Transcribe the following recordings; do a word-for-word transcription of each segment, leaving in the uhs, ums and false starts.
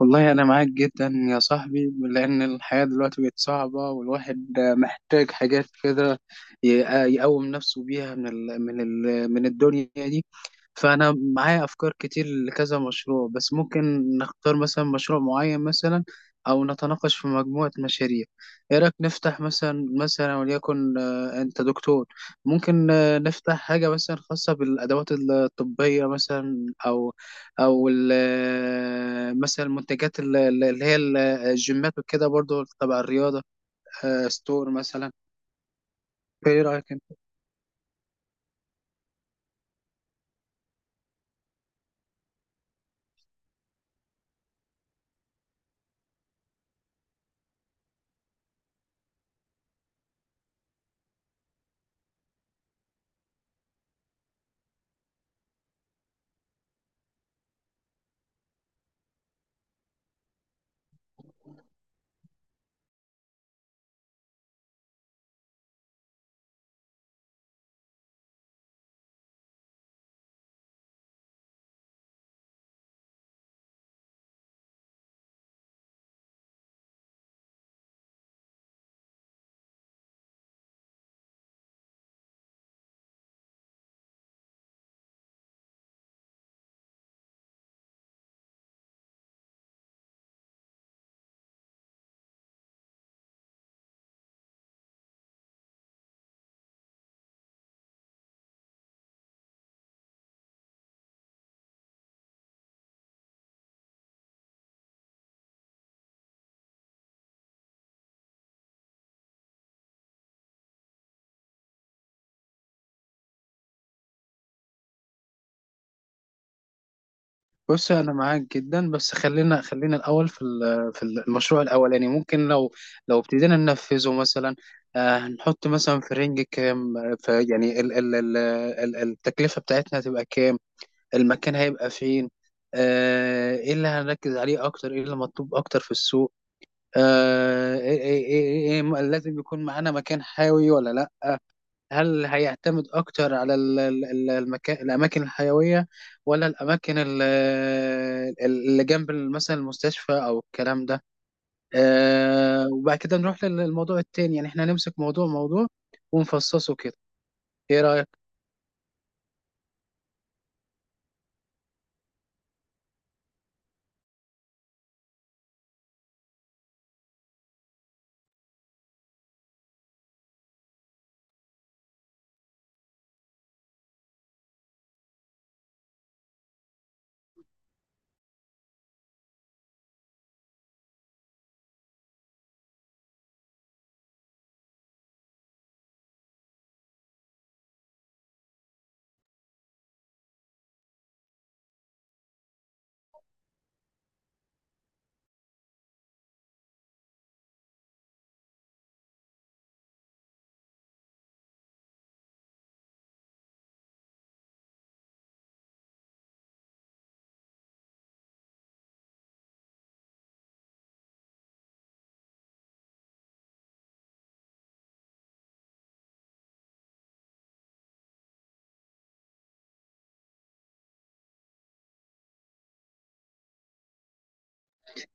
والله أنا معاك جدا يا صاحبي، لأن الحياة دلوقتي بقت صعبة والواحد محتاج حاجات كده ي- يقوم نفسه بيها من ال من ال من الدنيا دي. فأنا معايا أفكار كتير لكذا مشروع، بس ممكن نختار مثلا مشروع معين، مثلا أو نتناقش في مجموعة مشاريع. إيه رأيك نفتح مثلا مثلا وليكن، آه، أنت دكتور. ممكن آه، نفتح حاجة مثلا خاصة بالأدوات الطبية مثلا، أو او ال- آه، مثلا المنتجات ال- ال- اللي هي ال- الجيمات وكده، برضو تبع الرياضه، آه، ستور مثلا. ايه رايك انت؟ بص، انا معاك جدا، بس خلينا خلينا الاول في ال- في المشروع الاولاني. ممكن لو لو ابتدينا ننفذه مثلا. آه، هنحط مثلا في رينج كام، آه، في يعني ال ال ال ال التكلفه بتاعتنا هتبقى كام؟ المكان هيبقى فين؟ آه، ايه اللي هنركز عليه اكتر، ايه اللي مطلوب اكتر في السوق؟ آه إيه إيه إيه إيه إيه لازم يكون معانا مكان حيوي ولا لا؟ هل هيعتمد اكتر على ال- ال- ال- المكان الاماكن الحيويه، ولا الاماكن ال- ال- اللي جنب مثلا المستشفى او الكلام ده؟ آه وبعد كده نروح للموضوع التاني. يعني احنا هنمسك موضوع موضوع ونفصصه كده. ايه رايك؟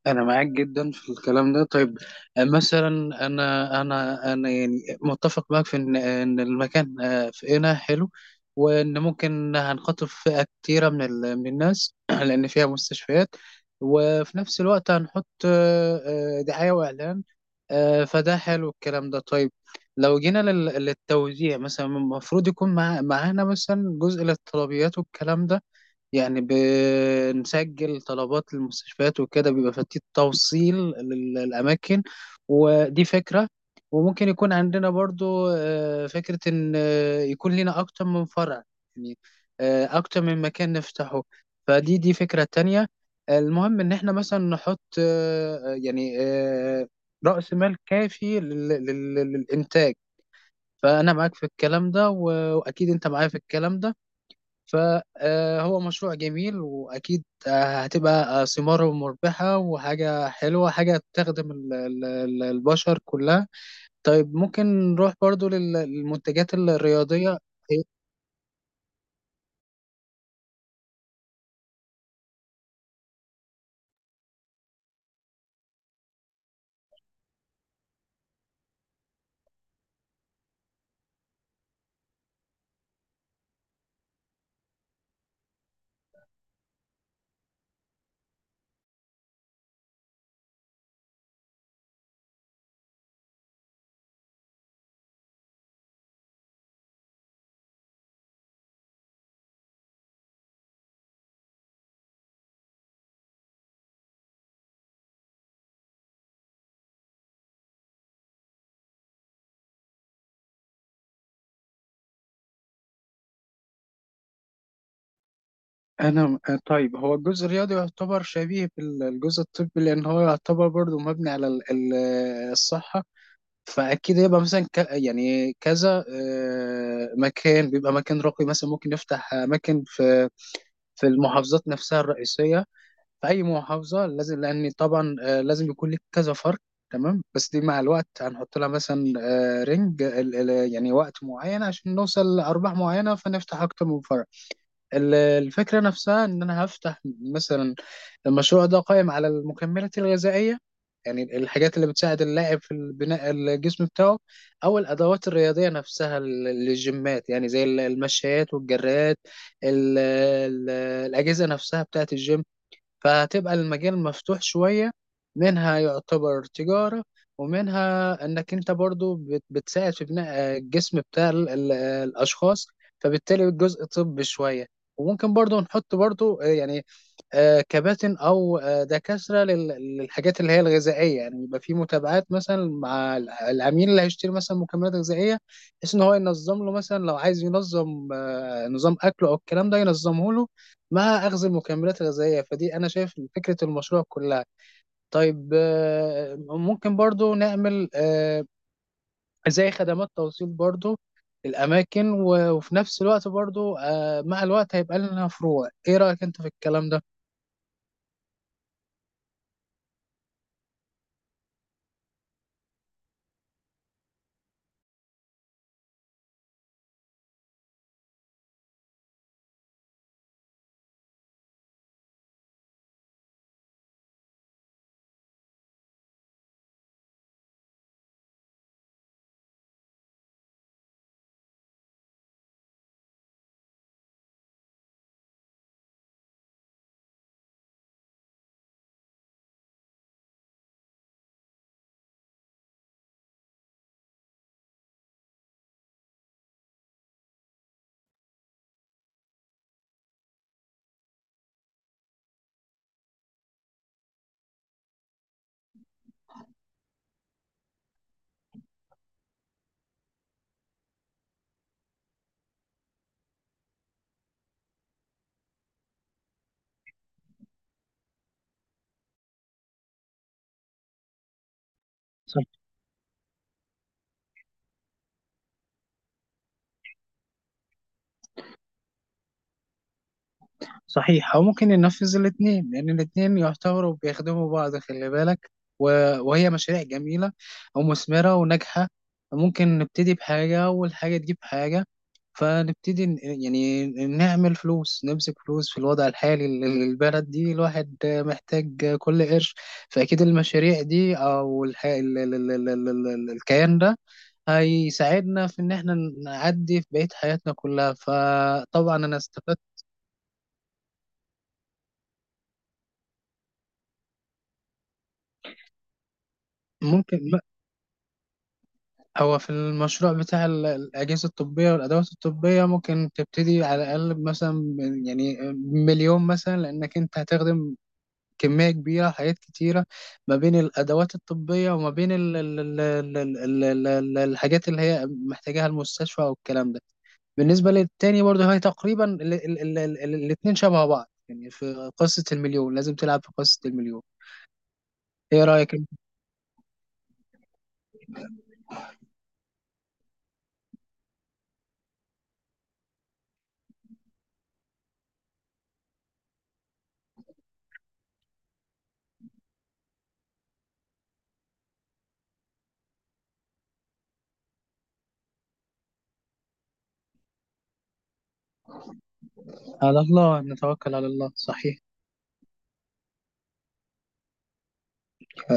انا معاك جدا في الكلام ده. طيب، مثلا انا انا انا يعني متفق معاك في ان ان المكان آه، في هنا حلو، وان ممكن هنخاطب فئه كتيره من ال- من الناس لان فيها مستشفيات. وفي نفس الوقت هنحط آه، آه، دعايه واعلان. آه، فده حلو الكلام ده. طيب، لو جينا لل- للتوزيع مثلا، المفروض يكون مع- معانا مثلا جزء للطلبيات والكلام ده. يعني بنسجل طلبات المستشفيات وكده، بيبقى في توصيل للأماكن. ودي فكرة. وممكن يكون عندنا برضو آه، فكرة إن آه، يكون لنا أكتر من فرع. يعني آه، أكتر من مكان نفتحه. فدي دي فكرة تانية. المهم إن إحنا مثلا نحط آه، آه، يعني آه، رأس مال كافي لل- لل- للإنتاج. فأنا معاك في الكلام ده، و- وأكيد أنت معايا في الكلام ده. فهو مشروع جميل، وأكيد آه، هتبقى آه، ثماره مربحة وحاجة حلوة، حاجة تخدم ال- ال- ال- البشر كلها. طيب ممكن نروح برضو لل- للمنتجات الرياضية. أنا طيب، هو الجزء الرياضي يعتبر شبيه بالجزء الطبي، لأن هو يعتبر برضو مبني على ال- ال- الصحة. فأكيد يبقى مثلا ك... يعني كذا آه، مكان، بيبقى مكان رقمي مثلا. ممكن نفتح أماكن في في المحافظات نفسها الرئيسية. في اي محافظه لازم، لان طبعا آه، لازم يكون لك كذا فرد. تمام، بس دي مع الوقت هنحط لها مثلا آه، رينج ال- ال- يعني وقت معين عشان نوصل لارباح معينه، فنفتح اكتر من فرع. ال- الفكره نفسها ان انا هفتح مثلا، المشروع ده قائم على المكملات الغذائيه. يعني الحاجات اللي بتساعد اللاعب في البناء الجسم بتاعه، او الادوات الرياضيه نفسها لل- للجيمات. يعني زي ال- المشايات والجرات، ال- ال- الاجهزه نفسها بتاعه الجيم. فهتبقى المجال مفتوح شوية، منها يعتبر تجارة، ومنها انك انت برضو بت- بتساعد في بناء الجسم بتاع ال- ال- الاشخاص. فبالتالي الجزء طبي شوية. وممكن برضو نحط برضو آه، يعني آه، كباتن او آه، دكاترة لل- للحاجات اللي هي الغذائية. يعني يبقى في متابعات مثلا مع ال- العميل اللي هيشتري مثلا مكملات غذائية، بحيث ان هو ينظم له مثلا. لو عايز ينظم آه، نظام اكله او الكلام ده، ينظمه له مع أخذ المكملات الغذائية. فدي أنا شايف فكرة المشروع كلها. طيب آه، ممكن برضو نعمل آه، زي خدمات توصيل، برضو الأماكن، و- وفي نفس الوقت برضو آه، مع الوقت هيبقى لنا فروع. إيه رأيك أنت في الكلام ده؟ صحيح، او ممكن ينفذ الاثنين، لان الاثنين يعتبروا بيخدموا بعض، خلي بالك. و... وهي مشاريع جميله ومثمره وناجحه. ممكن نبتدي بحاجه والحاجه تجيب حاجه. فنبتدي، ن- يعني نعمل فلوس، نمسك فلوس. في الوضع الحالي لل- للبلد دي الواحد محتاج كل قرش. فاكيد المشاريع دي، او الح... ال... ال... ال... ال... ال... ال- الكيان ده هيساعدنا في ان احنا نعدي في بقية حياتنا كلها. فطبعا انا استفدت. ممكن، هو في المشروع بتاع ال- الأجهزة الطبية والأدوات الطبية ممكن تبتدي على الأقل مثلا من- يعني مليون مثلا، لأنك أنت هتخدم كمية كبيرة، حاجات كتيرة ما بين الأدوات الطبية وما بين ال ال ال ال ال ال ال الحاجات اللي هي محتاجاها المستشفى والكلام ده. بالنسبة للتاني برضه هي تقريبا ال- ال- ال- ال- ال- الاتنين شبه بعض. يعني في قصة المليون لازم تلعب في قصة المليون. إيه رأيك أنت؟ على الله نتوكل على الله، صحيح.